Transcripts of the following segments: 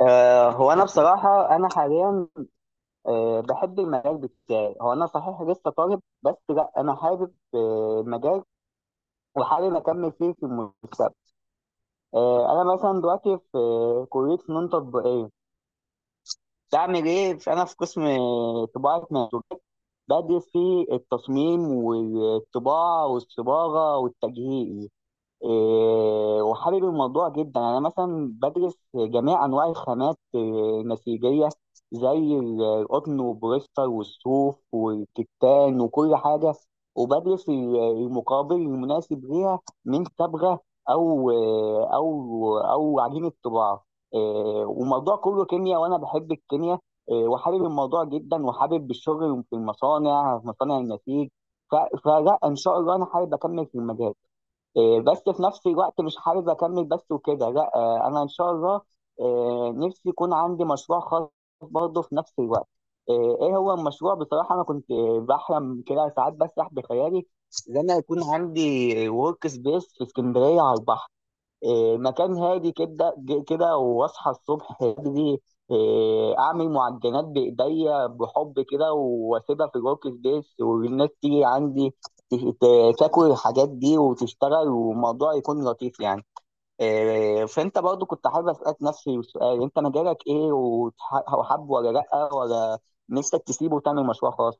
هو انا بصراحه انا حاليا، بحب المجال بتاعي. هو انا صحيح لسه طالب، بس لا انا حابب المجال وحابب اكمل فيه في المستقبل. انا مثلا دلوقتي في كليه فنون تطبيقيه. بعمل ايه انا في قسم طباعه منسوجات، بدرس فيه التصميم والطباعه والصباغه والتجهيز. إيه، وحابب الموضوع جدا، يعني انا مثلا بدرس جميع انواع الخامات، إيه، النسيجيه، زي القطن والبوليستر والصوف والكتان وكل حاجه. وبدرس المقابل المناسب ليها من صبغه، او آه، او او عجينه طباعه. إيه، وموضوع كله كيمياء، وانا بحب الكيمياء. إيه، وحابب الموضوع جدا، وحابب الشغل في المصانع، في مصانع النسيج. فلا ان شاء الله انا حابب اكمل في المجال. إيه، بس في نفس الوقت مش حابب اكمل بس وكده، لا. انا ان شاء الله، نفسي يكون عندي مشروع خاص برضه في نفس الوقت. ايه هو المشروع؟ بصراحه انا كنت بحلم كده ساعات، بسرح بخيالي ان انا يكون عندي ورك سبيس في اسكندريه على البحر. إيه، مكان هادي كده، كده واصحى الصبح بدري. إيه، اعمل معجنات بايديا بحب كده، واسيبها في الورك سبيس، والناس تيجي عندي تاكل الحاجات دي وتشتغل، والموضوع يكون لطيف يعني. إيه، فانت برضو كنت حابب اسالك نفسي السؤال. انت مجالك ايه، وحابه ولا لا، ولا نفسك تسيبه وتعمل مشروع خاص؟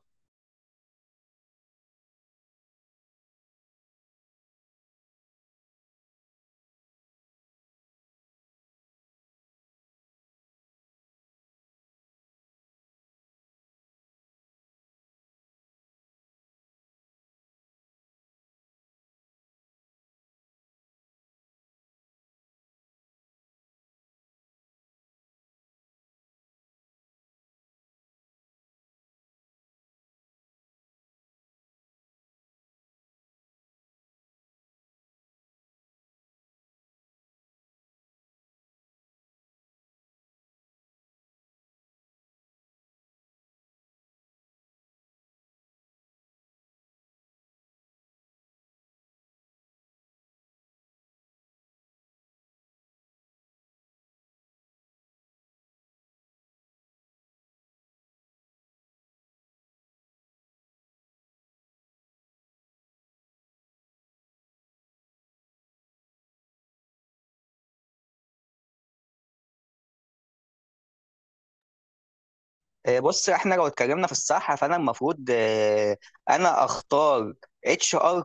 إيه، بص احنا لو اتكلمنا في الصحه، فانا المفروض، إيه، انا اختار HR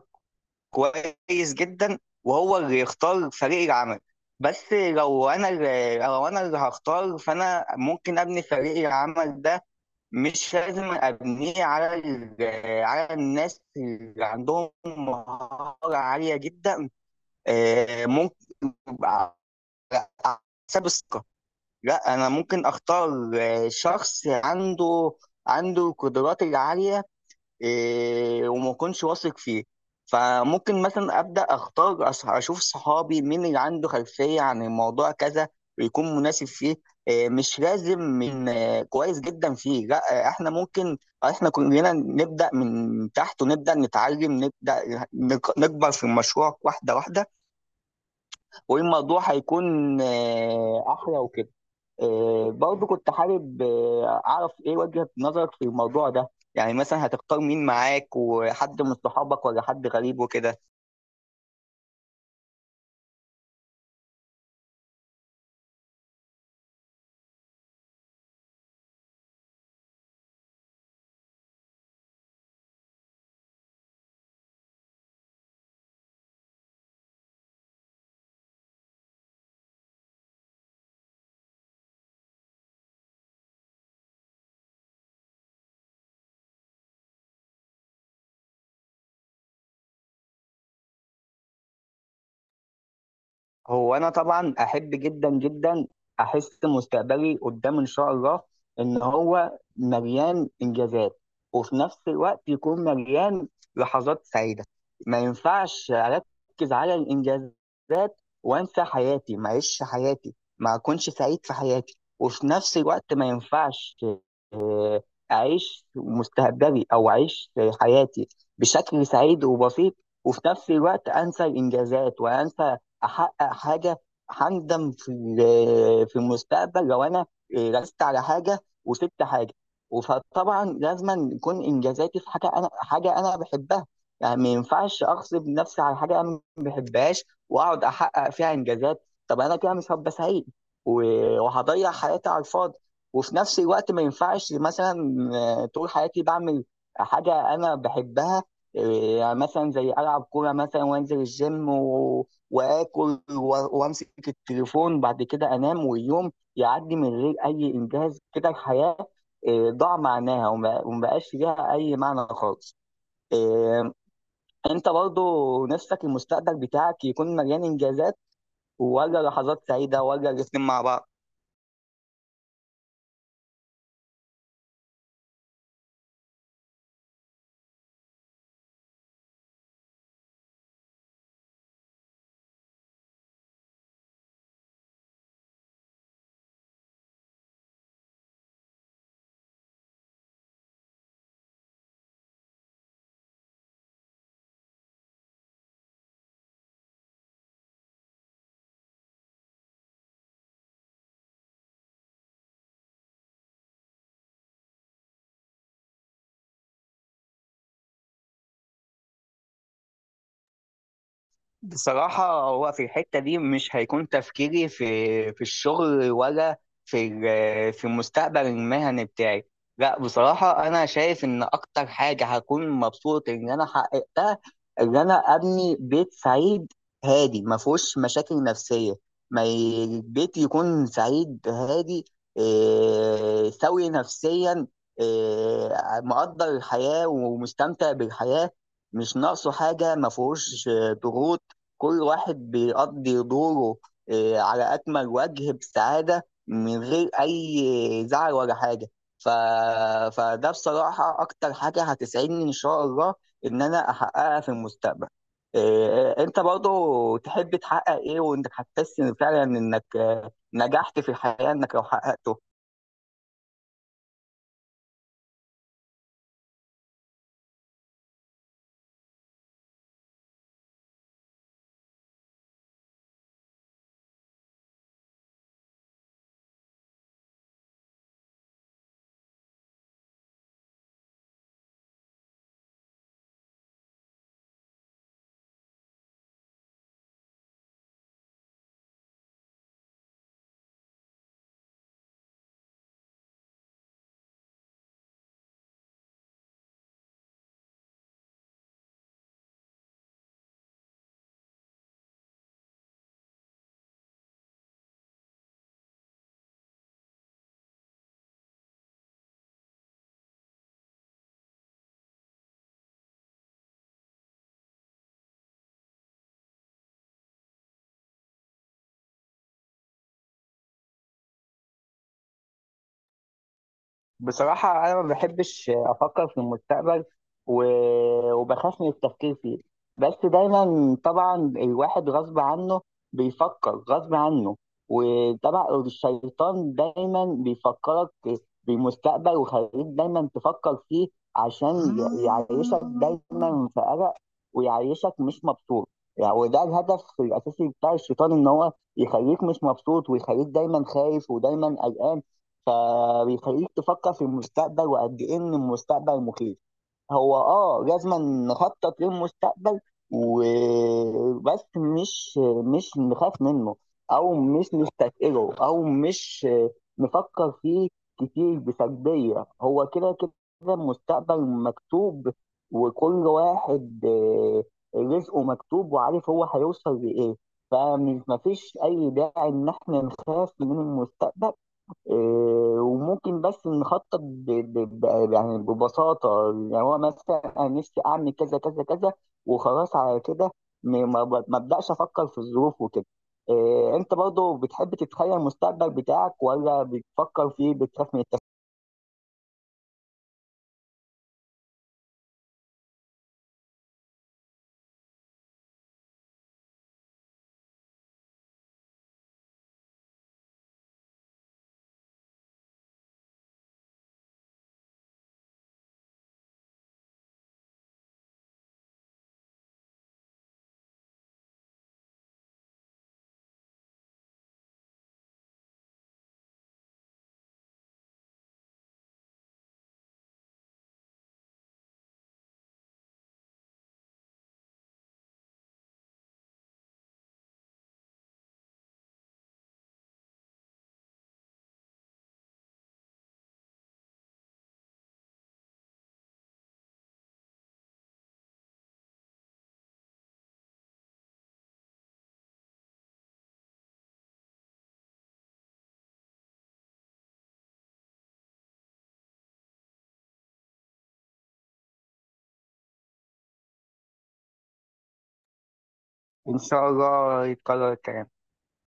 كويس جدا، وهو اللي يختار فريق العمل. بس لو انا اللي هختار، فانا ممكن ابني فريق العمل ده. مش لازم ابنيه على على الناس اللي عندهم مهارة عالية جدا. ممكن على حساب الثقة. لا، انا ممكن اختار شخص عنده القدرات العالية، إيه، وما اكونش واثق فيه. فممكن مثلا ابدا اختار، اشوف صحابي مين اللي عنده خلفيه عن الموضوع كذا، ويكون مناسب فيه. إيه، مش لازم من كويس جدا فيه، لا. احنا ممكن. احنا كلنا نبدا من تحت، ونبدا نتعلم، نبدا نكبر في المشروع واحده واحده. والموضوع هيكون احلى وكده. برضه كنت حابب أعرف إيه وجهة نظرك في الموضوع ده. يعني مثلا هتختار مين معاك، وحد من صحابك ولا حد غريب وكده؟ هو انا طبعا احب جدا جدا احس مستقبلي قدام ان شاء الله ان هو مليان انجازات، وفي نفس الوقت يكون مليان لحظات سعيده. ما ينفعش اركز على الانجازات وانسى حياتي، ما اعيش حياتي، ما اكونش سعيد في حياتي. وفي نفس الوقت ما ينفعش آه، اعيش مستقبلي او اعيش حياتي بشكل سعيد وبسيط، وفي نفس الوقت انسى الانجازات وانسى احقق حاجه. هندم في المستقبل لو انا ركزت على حاجه وسبت حاجه. فطبعا لازم يكون انجازاتي في حاجه انا بحبها. يعني ما ينفعش اغصب نفسي على حاجه انا ما بحبهاش واقعد احقق فيها انجازات، طب انا كده مش هبقى سعيد، وهضيع حياتي على الفاضي. وفي نفس الوقت ما ينفعش مثلا طول حياتي بعمل حاجه انا بحبها. آه، يعني مثلا زي العب كوره مثلا، وانزل الجيم واكل، وامسك التليفون، بعد كده انام، واليوم يعدي من غير اي انجاز كده. الحياه ضاع معناها، وما بقاش ليها اي معنى خالص. آه، انت برضو نفسك المستقبل بتاعك يكون مليان انجازات، ولا لحظات سعيده، ولا الاثنين مع بعض؟ بصراحة هو في الحتة دي مش هيكون تفكيري في الشغل، ولا في المستقبل المهني بتاعي. لا، بصراحة أنا شايف إن أكتر حاجة هكون مبسوط إن أنا حققتها، إن أنا أبني بيت سعيد هادي، ما فيهوش مشاكل نفسية. ما ي- البيت يكون سعيد هادي، إيه، سوي نفسيا، إيه، مقدر الحياة ومستمتع بالحياة، مش ناقصه حاجة، ما فيهوش ضغوط. كل واحد بيقضي دوره على أكمل وجه، بسعادة من غير أي زعل ولا حاجة. ف... فده بصراحة أكتر حاجة هتسعدني إن شاء الله إن أنا أحققها في المستقبل. أنت برضو تحب تحقق إيه، وإنك هتحس إن فعلا إنك نجحت في الحياة إنك لو حققته؟ بصراحة أنا ما بحبش أفكر في المستقبل، وبخاف من التفكير فيه. بس دايما طبعا الواحد غصب عنه بيفكر غصب عنه. وطبعا الشيطان دايما بيفكرك بالمستقبل ويخليك دايما تفكر فيه، عشان يعيشك دايما في قلق، ويعيشك مش مبسوط. يعني وده الهدف الأساسي بتاع الشيطان، إن هو يخليك مش مبسوط، ويخليك دايما خايف ودايما قلقان. فبيخليك تفكر في المستقبل، وقد ايه ان المستقبل مخيف. هو لازم نخطط للمستقبل وبس، مش نخاف منه، او مش نستثقله، او مش نفكر فيه كتير بسلبية. هو كده، كده المستقبل مكتوب، وكل واحد رزقه مكتوب وعارف هو هيوصل لإيه. فمش مفيش أي داعي إن إحنا نخاف من المستقبل. إيه، وممكن بس نخطط يعني ببساطة. يعني هو مثلا أنا نفسي أعمل كذا كذا كذا وخلاص، على كده ما أبدأش أفكر في الظروف وكده. إيه، أنت برضو بتحب تتخيل المستقبل بتاعك، ولا بتفكر فيه بتخاف من التفكير؟ إن شاء الله يتكرر الكلام.